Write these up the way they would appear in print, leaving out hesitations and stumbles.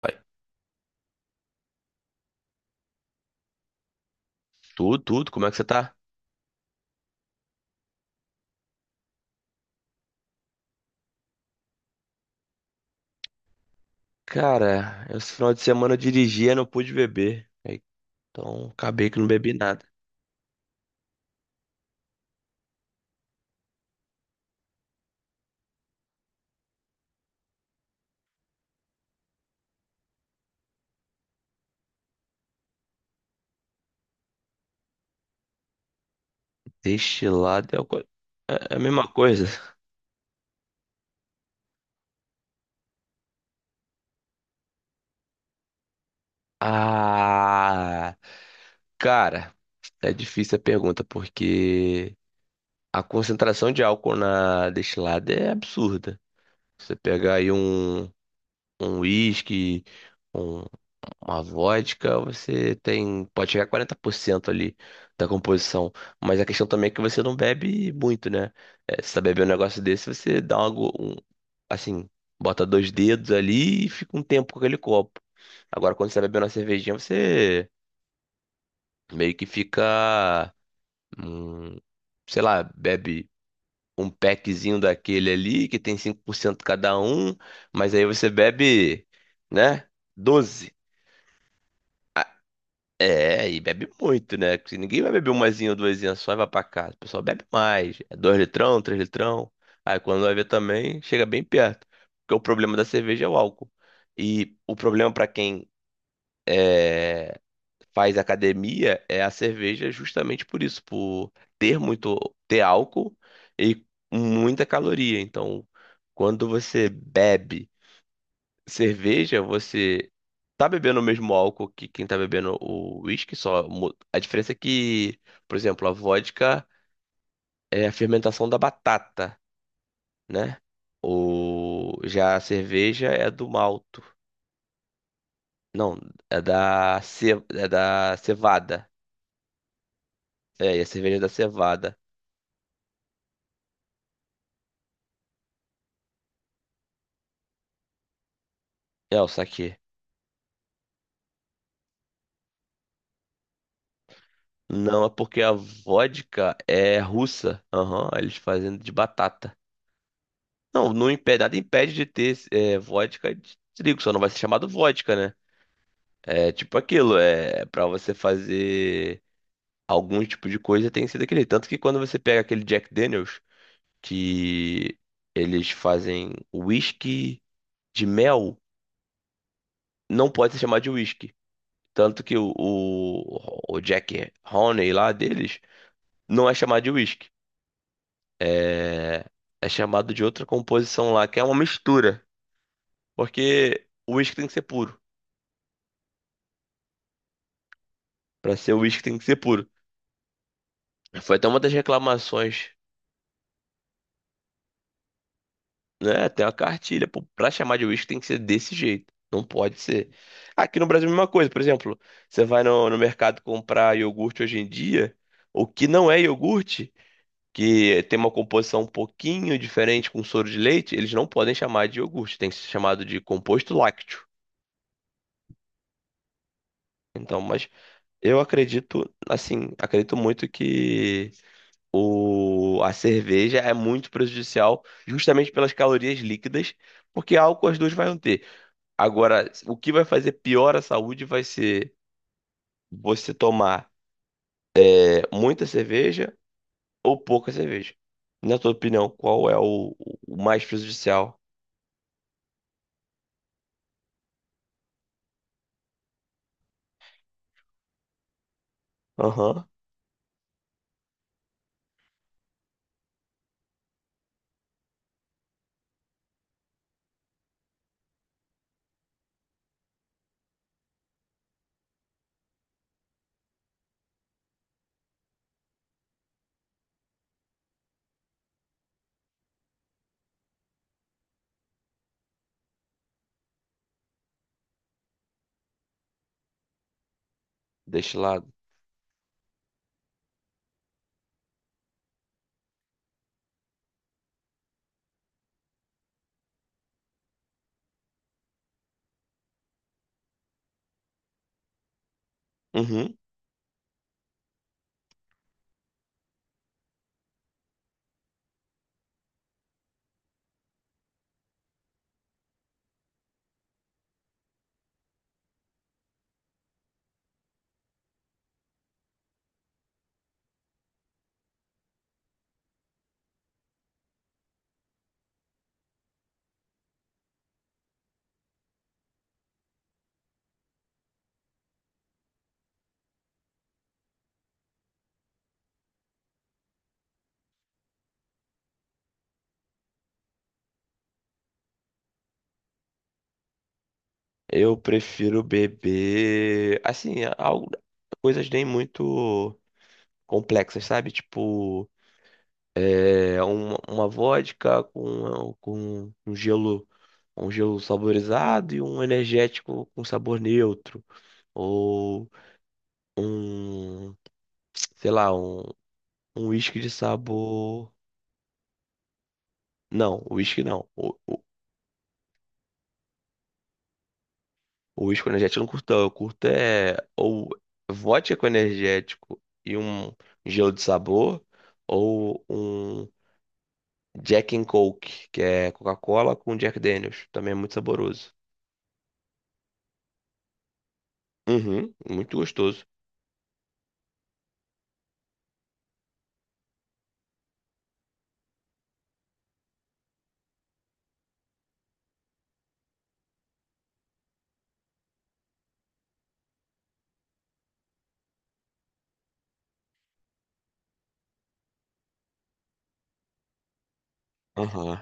Pai. Tudo, tudo, como é que você tá? Cara, esse final de semana eu dirigi e não pude beber. Aí, então, acabei que não bebi nada. Destilado é, o co- é é a mesma coisa. Ah, cara, é difícil a pergunta, porque a concentração de álcool na destilada é absurda. Você pegar aí um whisky. Uma vodka, você tem, pode chegar a 40% ali da composição. Mas a questão também é que você não bebe muito, né? É, se você tá bebendo um negócio desse, você dá algo, assim, bota dois dedos ali e fica um tempo com aquele copo. Agora, quando você tá bebendo uma cervejinha, você meio que fica, hum, sei lá, bebe um packzinho daquele ali, que tem 5% cada um, mas aí você bebe, né? 12. É, e bebe muito, né? Porque ninguém vai beber umazinha ou duasinha só e vai pra casa. O pessoal bebe mais. É dois litrão, três litrão. Aí quando vai ver também, chega bem perto. Porque o problema da cerveja é o álcool. E o problema pra quem faz academia é a cerveja justamente por isso, por ter muito, ter álcool e muita caloria. Então, quando você bebe cerveja, você tá bebendo o mesmo álcool que quem tá bebendo o whisky, só a diferença é que, por exemplo, a vodka é a fermentação da batata, né? O já a cerveja é do malto. Não, é da cevada. É, e a cerveja é da cevada. É o saquê. Não, é porque a vodka é russa. Aham, eles fazem de batata. Não, não impede, nada impede de ter é, vodka de trigo, só não vai ser chamado vodka, né? É tipo aquilo, é para você fazer algum tipo de coisa tem que ser daquele. Tanto que quando você pega aquele Jack Daniels, que eles fazem whisky de mel, não pode ser chamado de whisky. Tanto que o Jack Honey lá deles não é chamado de whisky. É, é chamado de outra composição lá, que é uma mistura. Porque o whisky tem que ser puro. Pra ser whisky tem que ser puro. Foi até uma das reclamações. Né? Tem uma cartilha. Pô, pra chamar de uísque tem que ser desse jeito. Não pode ser. Aqui no Brasil é a mesma coisa. Por exemplo, você vai no mercado comprar iogurte hoje em dia, o que não é iogurte, que tem uma composição um pouquinho diferente com soro de leite, eles não podem chamar de iogurte. Tem que ser chamado de composto lácteo. Então, mas eu acredito, assim, acredito muito que a cerveja é muito prejudicial justamente pelas calorias líquidas, porque álcool as duas vão ter. Agora, o que vai fazer pior à saúde vai ser você tomar muita cerveja ou pouca cerveja. Na tua opinião, qual é o mais prejudicial? Aham, deste lado. Uhum. Eu prefiro beber, assim, é algo, coisas nem muito complexas, sabe? Tipo, é, uma vodka com um gelo saborizado e um energético com sabor neutro. Ou um sei lá, um uísque de sabor. Não, uísque não. O uísque com energético eu não curto. Não. Eu curto é ou vodka com energético e um gelo de sabor, ou um Jack and Coke, que é Coca-Cola com Jack Daniels. Também é muito saboroso. Uhum, muito gostoso. Aham.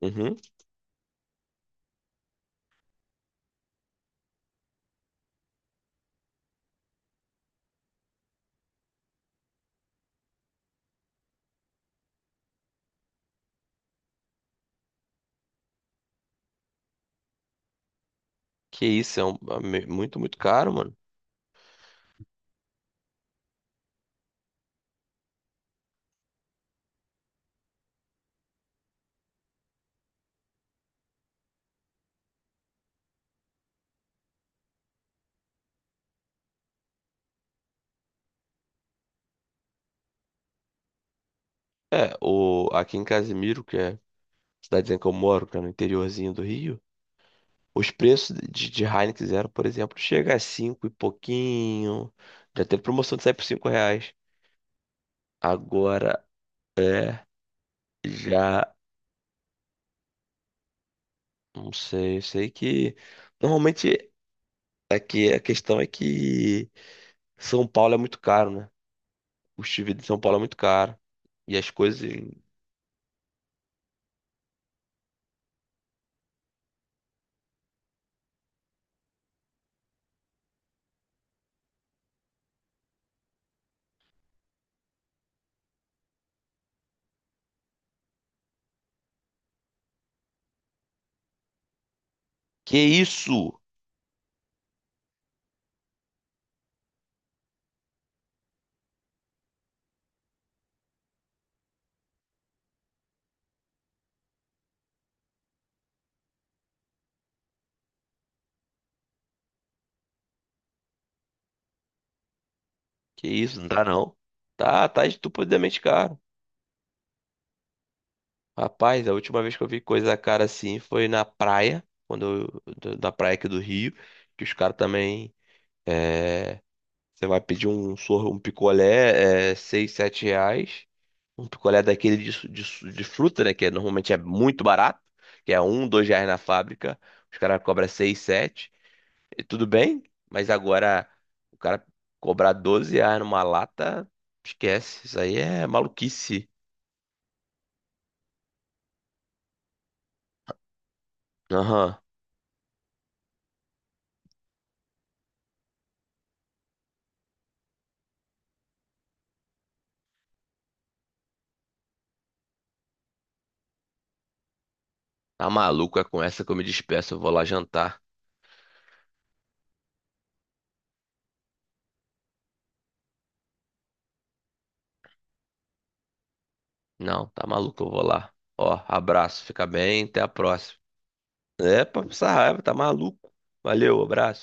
Uhum. Que isso, é muito, muito caro, mano. É, aqui em Casimiro, que é a cidadezinha que eu moro, que é no interiorzinho do Rio. Os preços de Heineken Zero, por exemplo, chega a 5 e pouquinho. Já teve promoção de sai por R$ 5. Agora é já. Não sei, eu sei que. Normalmente aqui a questão é que São Paulo é muito caro, né? O custo de vida de São Paulo é muito caro. E as coisas. Que isso? Que isso? Não dá não. Tá, tá estupidamente caro. Rapaz, a última vez que eu vi coisa cara assim foi na praia, quando eu, da praia aqui do Rio, que os caras também. Você vai pedir um sorro, um picolé, é, seis, sete reais. Um picolé daquele de fruta, né? Que é, normalmente é muito barato, que é um, dois reais na fábrica. Os caras cobram seis, sete. E tudo bem, mas agora o cara cobrar R$ 12 numa lata, esquece. Isso aí é maluquice. Aham. Tá maluco, é com essa que eu me despeço. Eu vou lá jantar. Não, tá maluco, eu vou lá. Ó, abraço, fica bem, até a próxima. É, pra passar raiva, tá maluco. Valeu, abraço.